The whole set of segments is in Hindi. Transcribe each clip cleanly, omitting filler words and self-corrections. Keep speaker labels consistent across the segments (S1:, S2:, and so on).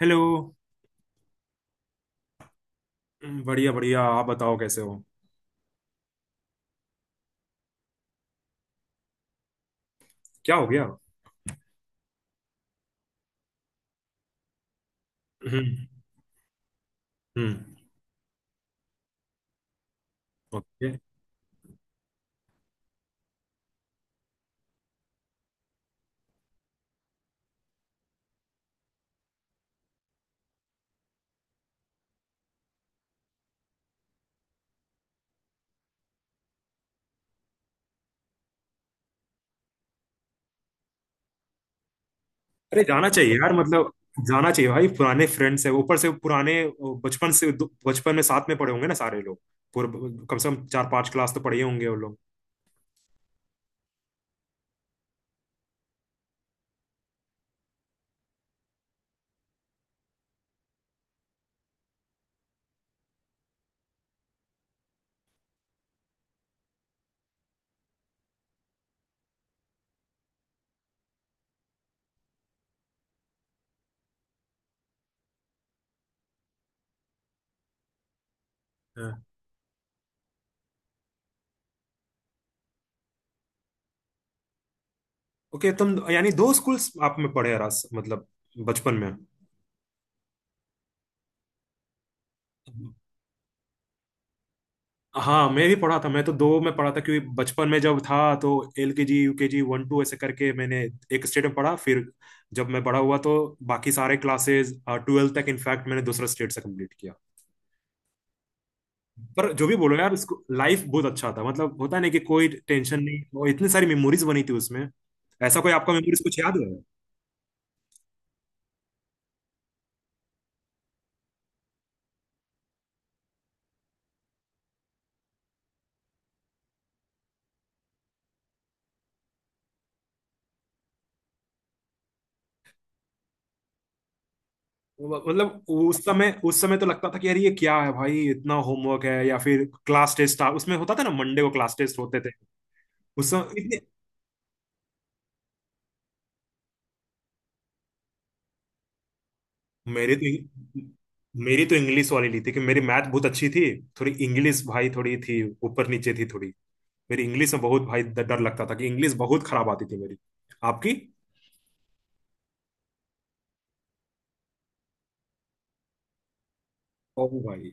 S1: हेलो। बढ़िया बढ़िया, आप बताओ कैसे हो? क्या हो गया? हम्म। हम्म। ओके। अरे जाना चाहिए यार, मतलब जाना चाहिए भाई, पुराने फ्रेंड्स है, ऊपर से पुराने, वो बचपन से। बचपन में साथ में पढ़े होंगे ना सारे लोग, पूरे। कम से कम चार पांच क्लास तो पढ़े ही होंगे वो लोग। हाँ। ओके, तुम यानी दो स्कूल्स आप में पढ़े रस मतलब बचपन में। हाँ, मैं भी पढ़ा था। मैं तो दो में पढ़ा था क्योंकि बचपन में जब था तो L K G U K G one two ऐसे करके मैंने एक स्टेट में पढ़ा। फिर जब मैं बड़ा हुआ तो बाकी सारे क्लासेस ट्वेल्थ तक इनफैक्ट मैंने दूसरा स्टेट से कंप्लीट किया। पर जो भी बोलो यार, उसको लाइफ बहुत अच्छा था। मतलब होता नहीं कि कोई टेंशन नहीं, और इतनी सारी मेमोरीज बनी थी उसमें। ऐसा कोई आपका मेमोरीज कुछ याद है? मतलब उस समय तो लगता था कि यार ये क्या है भाई, इतना होमवर्क है, या फिर क्लास टेस्ट था। उसमें होता था ना, मंडे को क्लास टेस्ट होते थे उस समय। मेरी तो मेरी तो इंग्लिश वाली ली थी कि मेरी मैथ बहुत अच्छी थी, थोड़ी इंग्लिश भाई थोड़ी थी, ऊपर नीचे थी थोड़ी। मेरी इंग्लिश में बहुत भाई डर लगता था कि इंग्लिश बहुत खराब आती थी मेरी। आपकी? ओ भाई!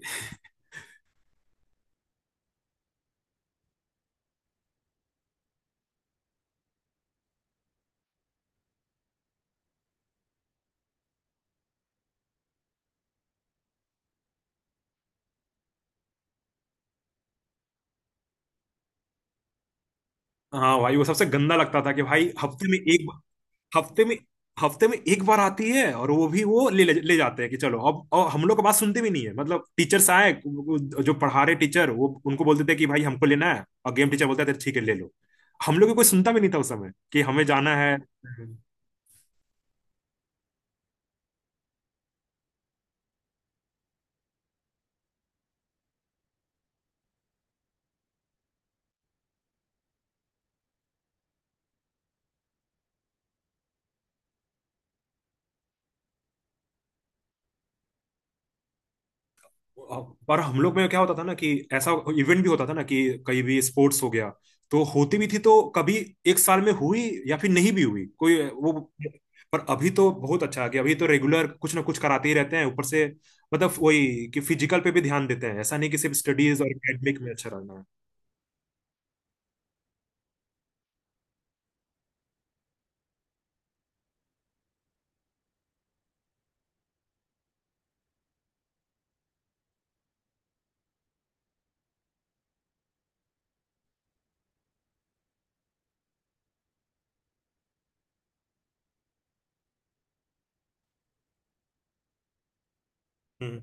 S1: हाँ भाई, वो सबसे गंदा लगता था कि भाई हफ्ते में एक, हफ्ते में हफ्ते में एक बार आती है, और वो भी वो ले ले जाते हैं कि चलो अब। और हम लोग का बात सुनते भी नहीं है, मतलब टीचर्स आए जो पढ़ा रहे टीचर वो उनको बोलते थे कि भाई हमको लेना है, और गेम टीचर बोलता था ठीक है, ले लो। हम लोग को कोई सुनता भी नहीं था उस समय कि हमें जाना है। पर हम लोग में क्या होता था ना, कि ऐसा इवेंट भी होता था ना कि कहीं भी स्पोर्ट्स हो गया तो होती भी थी, तो कभी एक साल में हुई या फिर नहीं भी हुई कोई वो। पर अभी तो बहुत अच्छा है कि अभी तो रेगुलर कुछ ना कुछ कराते ही रहते हैं, ऊपर से मतलब वही, कि फिजिकल पे भी ध्यान देते हैं, ऐसा नहीं कि सिर्फ स्टडीज और एकेडमिक में अच्छा रहना है। हम्म।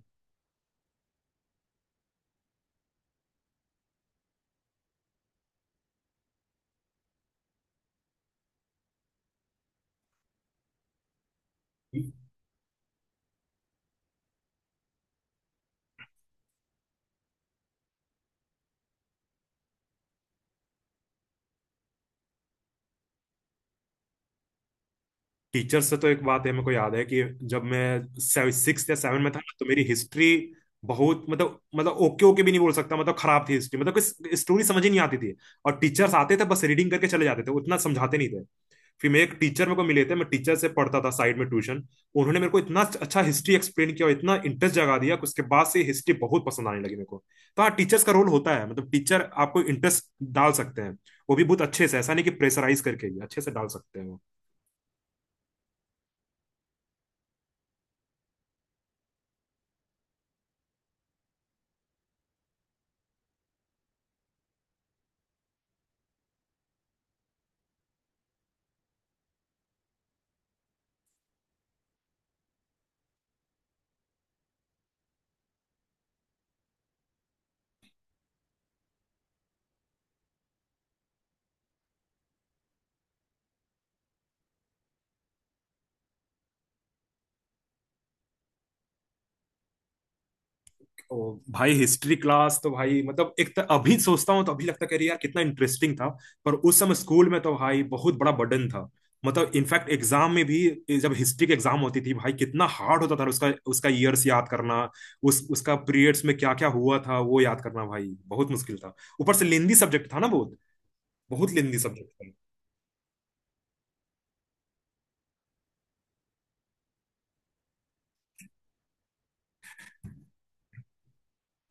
S1: टीचर से तो एक बात है, मेरे को याद है कि जब मैं सिक्स या सेवन में था ना, तो मेरी हिस्ट्री बहुत, मतलब ओके ओके भी नहीं बोल सकता, मतलब खराब थी हिस्ट्री। मतलब कोई स्टोरी समझ ही नहीं आती थी, और टीचर्स आते थे बस रीडिंग करके चले जाते थे, उतना समझाते नहीं थे। फिर मैं एक टीचर मेरे को मिले थे, मैं टीचर से पढ़ता था साइड में ट्यूशन। उन्होंने मेरे को इतना अच्छा हिस्ट्री एक्सप्लेन किया और इतना इंटरेस्ट जगा दिया कि उसके बाद से हिस्ट्री बहुत पसंद आने लगी मेरे को। तो हाँ, टीचर्स का रोल होता है, मतलब टीचर आपको इंटरेस्ट डाल सकते हैं, वो भी बहुत अच्छे से, ऐसा नहीं कि प्रेशराइज करके, ही अच्छे से डाल सकते हैं वो। ओ भाई, हिस्ट्री क्लास तो भाई मतलब, एक तो अभी सोचता हूँ तो अभी लगता है कि अरे यार कितना इंटरेस्टिंग था, पर उस समय स्कूल में तो भाई बहुत बड़ा बर्डन था। मतलब इनफैक्ट एग्जाम में भी, जब हिस्ट्री की एग्जाम होती थी भाई, कितना हार्ड होता था उसका उसका ईयर्स याद करना, उस उसका पीरियड्स में क्या क्या हुआ था वो याद करना, भाई बहुत मुश्किल था। ऊपर से लेंदी सब्जेक्ट था ना बहुत, बहुत लेंदी सब्जेक्ट था।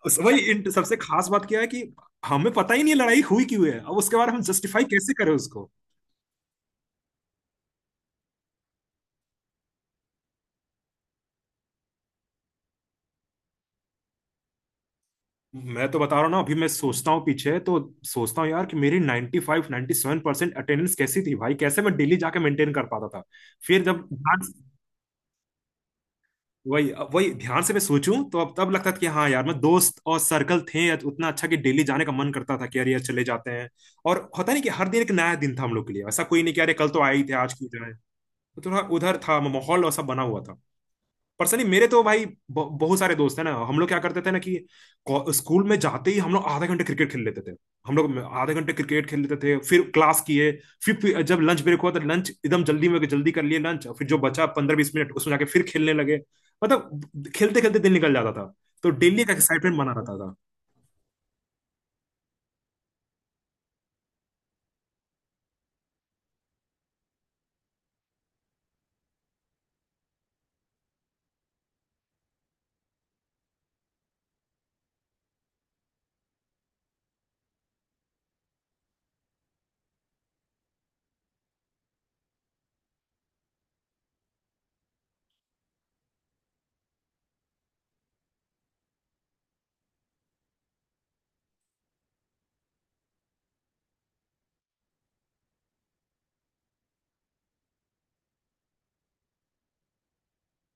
S1: सबसे खास बात क्या है, कि हमें पता ही नहीं लड़ाई हुई क्यों है। अब उसके बारे में हम जस्टिफाई कैसे करें उसको? मैं तो बता रहा हूँ ना, अभी मैं सोचता हूँ पीछे, तो सोचता हूँ यार कि मेरी 95 97% अटेंडेंस कैसी थी भाई, कैसे मैं डेली जाके मेंटेन कर पाता था। फिर जब ध्यान, वही वही ध्यान से मैं सोचूं तो अब तब लगता था कि हाँ यार, मैं दोस्त और सर्कल थे या उतना अच्छा कि डेली जाने का मन करता था कि यार यार चले जाते हैं, और होता नहीं, कि हर दिन एक नया दिन था हम लोग के लिए, ऐसा कोई नहीं कि अरे कल तो आए ही थे आज क्यों जाए। तो थोड़ा उधर था, माहौल ऐसा बना हुआ था। पर्सनली मेरे तो भाई बहुत सारे दोस्त हैं ना, हम लोग क्या करते थे ना कि स्कूल में जाते ही हम लोग आधे घंटे क्रिकेट खेल लेते थे। हम लोग आधे घंटे क्रिकेट खेल लेते थे फिर क्लास किए। फिर जब लंच ब्रेक हुआ तो लंच एकदम जल्दी में जल्दी कर लिए लंच, फिर जो बचा पंद्रह बीस मिनट उसमें जाके फिर खेलने लगे। मतलब खेलते खेलते दिन निकल जाता था। तो डेली एक एक्साइटमेंट बना रहता था।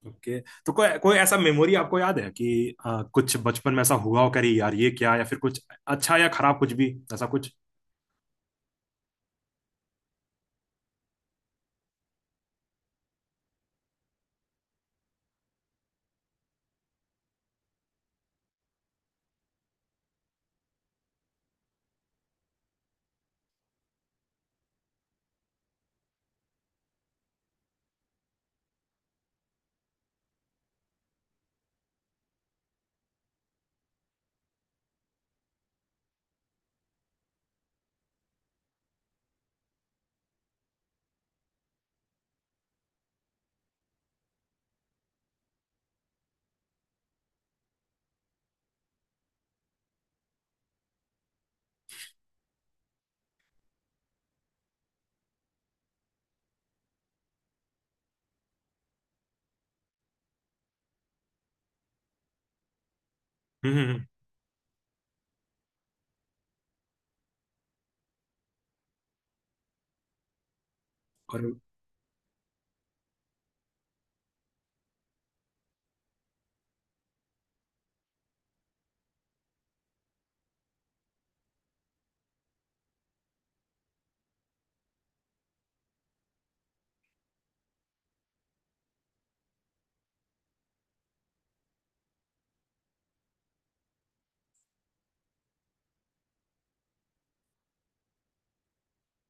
S1: ओके, तो कोई कोई ऐसा मेमोरी आपको याद है कि कुछ बचपन में ऐसा हुआ हो, करी यार ये क्या, या फिर कुछ अच्छा या खराब, कुछ भी ऐसा कुछ? हम्म। हम्म। हम्म। और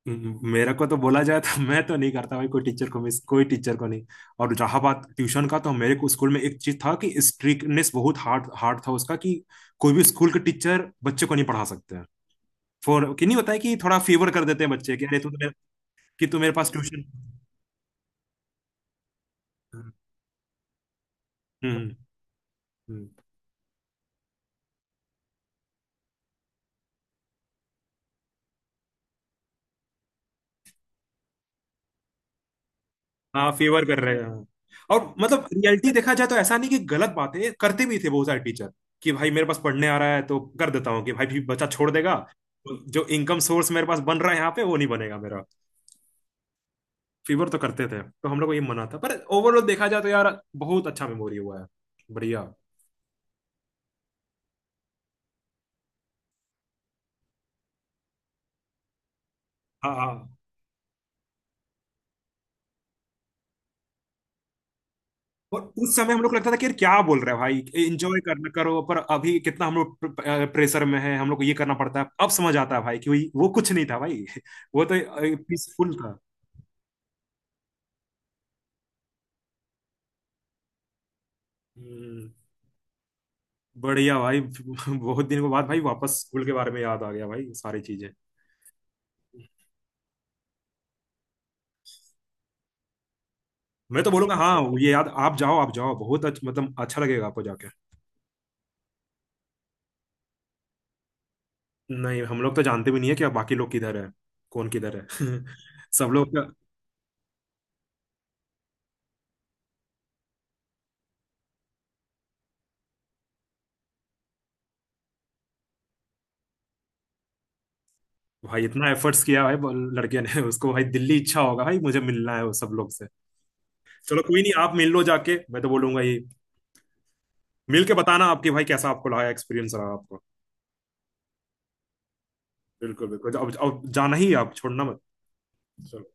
S1: मेरे को तो बोला जाए तो मैं तो नहीं करता भाई कोई टीचर को मिस, कोई टीचर को नहीं। और जहां बात ट्यूशन का तो मेरे को स्कूल में एक चीज था कि स्ट्रिक्टनेस बहुत हार्ड हार्ड था उसका, कि कोई भी स्कूल के टीचर बच्चे को नहीं पढ़ा सकते हैं। फॉर कि नहीं होता है कि थोड़ा फेवर कर देते हैं बच्चे कि अरे तू तो मेरे-, कि तू मेरे पास ट्यूशन। हम्म। हम्म। हाँ, फेवर कर रहे हैं, हाँ। और मतलब रियलिटी देखा जाए तो ऐसा नहीं, कि गलत बातें करते भी थे बहुत सारे टीचर, कि भाई मेरे पास पढ़ने आ रहा है तो कर देता हूँ, कि भाई भी बच्चा छोड़ देगा, तो जो इनकम सोर्स मेरे पास बन रहा है यहाँ पे वो नहीं बनेगा मेरा। फीवर तो करते थे तो हम लोग को ये मना था, पर ओवरऑल देखा जाए तो यार, बहुत अच्छा मेमोरी हुआ है। बढ़िया। हाँ हाँ, और उस समय हम लोग को लगता था कि यार क्या बोल रहे हैं भाई, एंजॉय करना करो, पर अभी कितना हम लोग प्रेशर में है, हम लोग को ये करना पड़ता है। अब समझ आता है भाई कि वही-, वो कुछ नहीं था भाई वो तो पीसफुल था। हम्म, बढ़िया भाई बहुत दिन के बाद भाई वापस स्कूल के बारे में याद आ गया भाई सारी चीजें। मैं तो बोलूंगा हाँ ये याद, आप जाओ आप जाओ, बहुत अच्छा मतलब, अच्छा लगेगा आपको जाके। नहीं, हम लोग तो जानते भी नहीं है कि बाकी लोग किधर है, कौन किधर है सब लोग का। भाई इतना एफर्ट्स किया भाई लड़के ने उसको भाई दिल्ली इच्छा होगा भाई, मुझे मिलना है वो सब लोग से। चलो कोई नहीं, आप मिल लो जाके, मैं तो बोलूंगा ये, मिल के बताना आपके भाई कैसा आपको लगा एक्सपीरियंस रहा आपको। बिल्कुल बिल्कुल, अब जाना ही है, आप छोड़ना मत।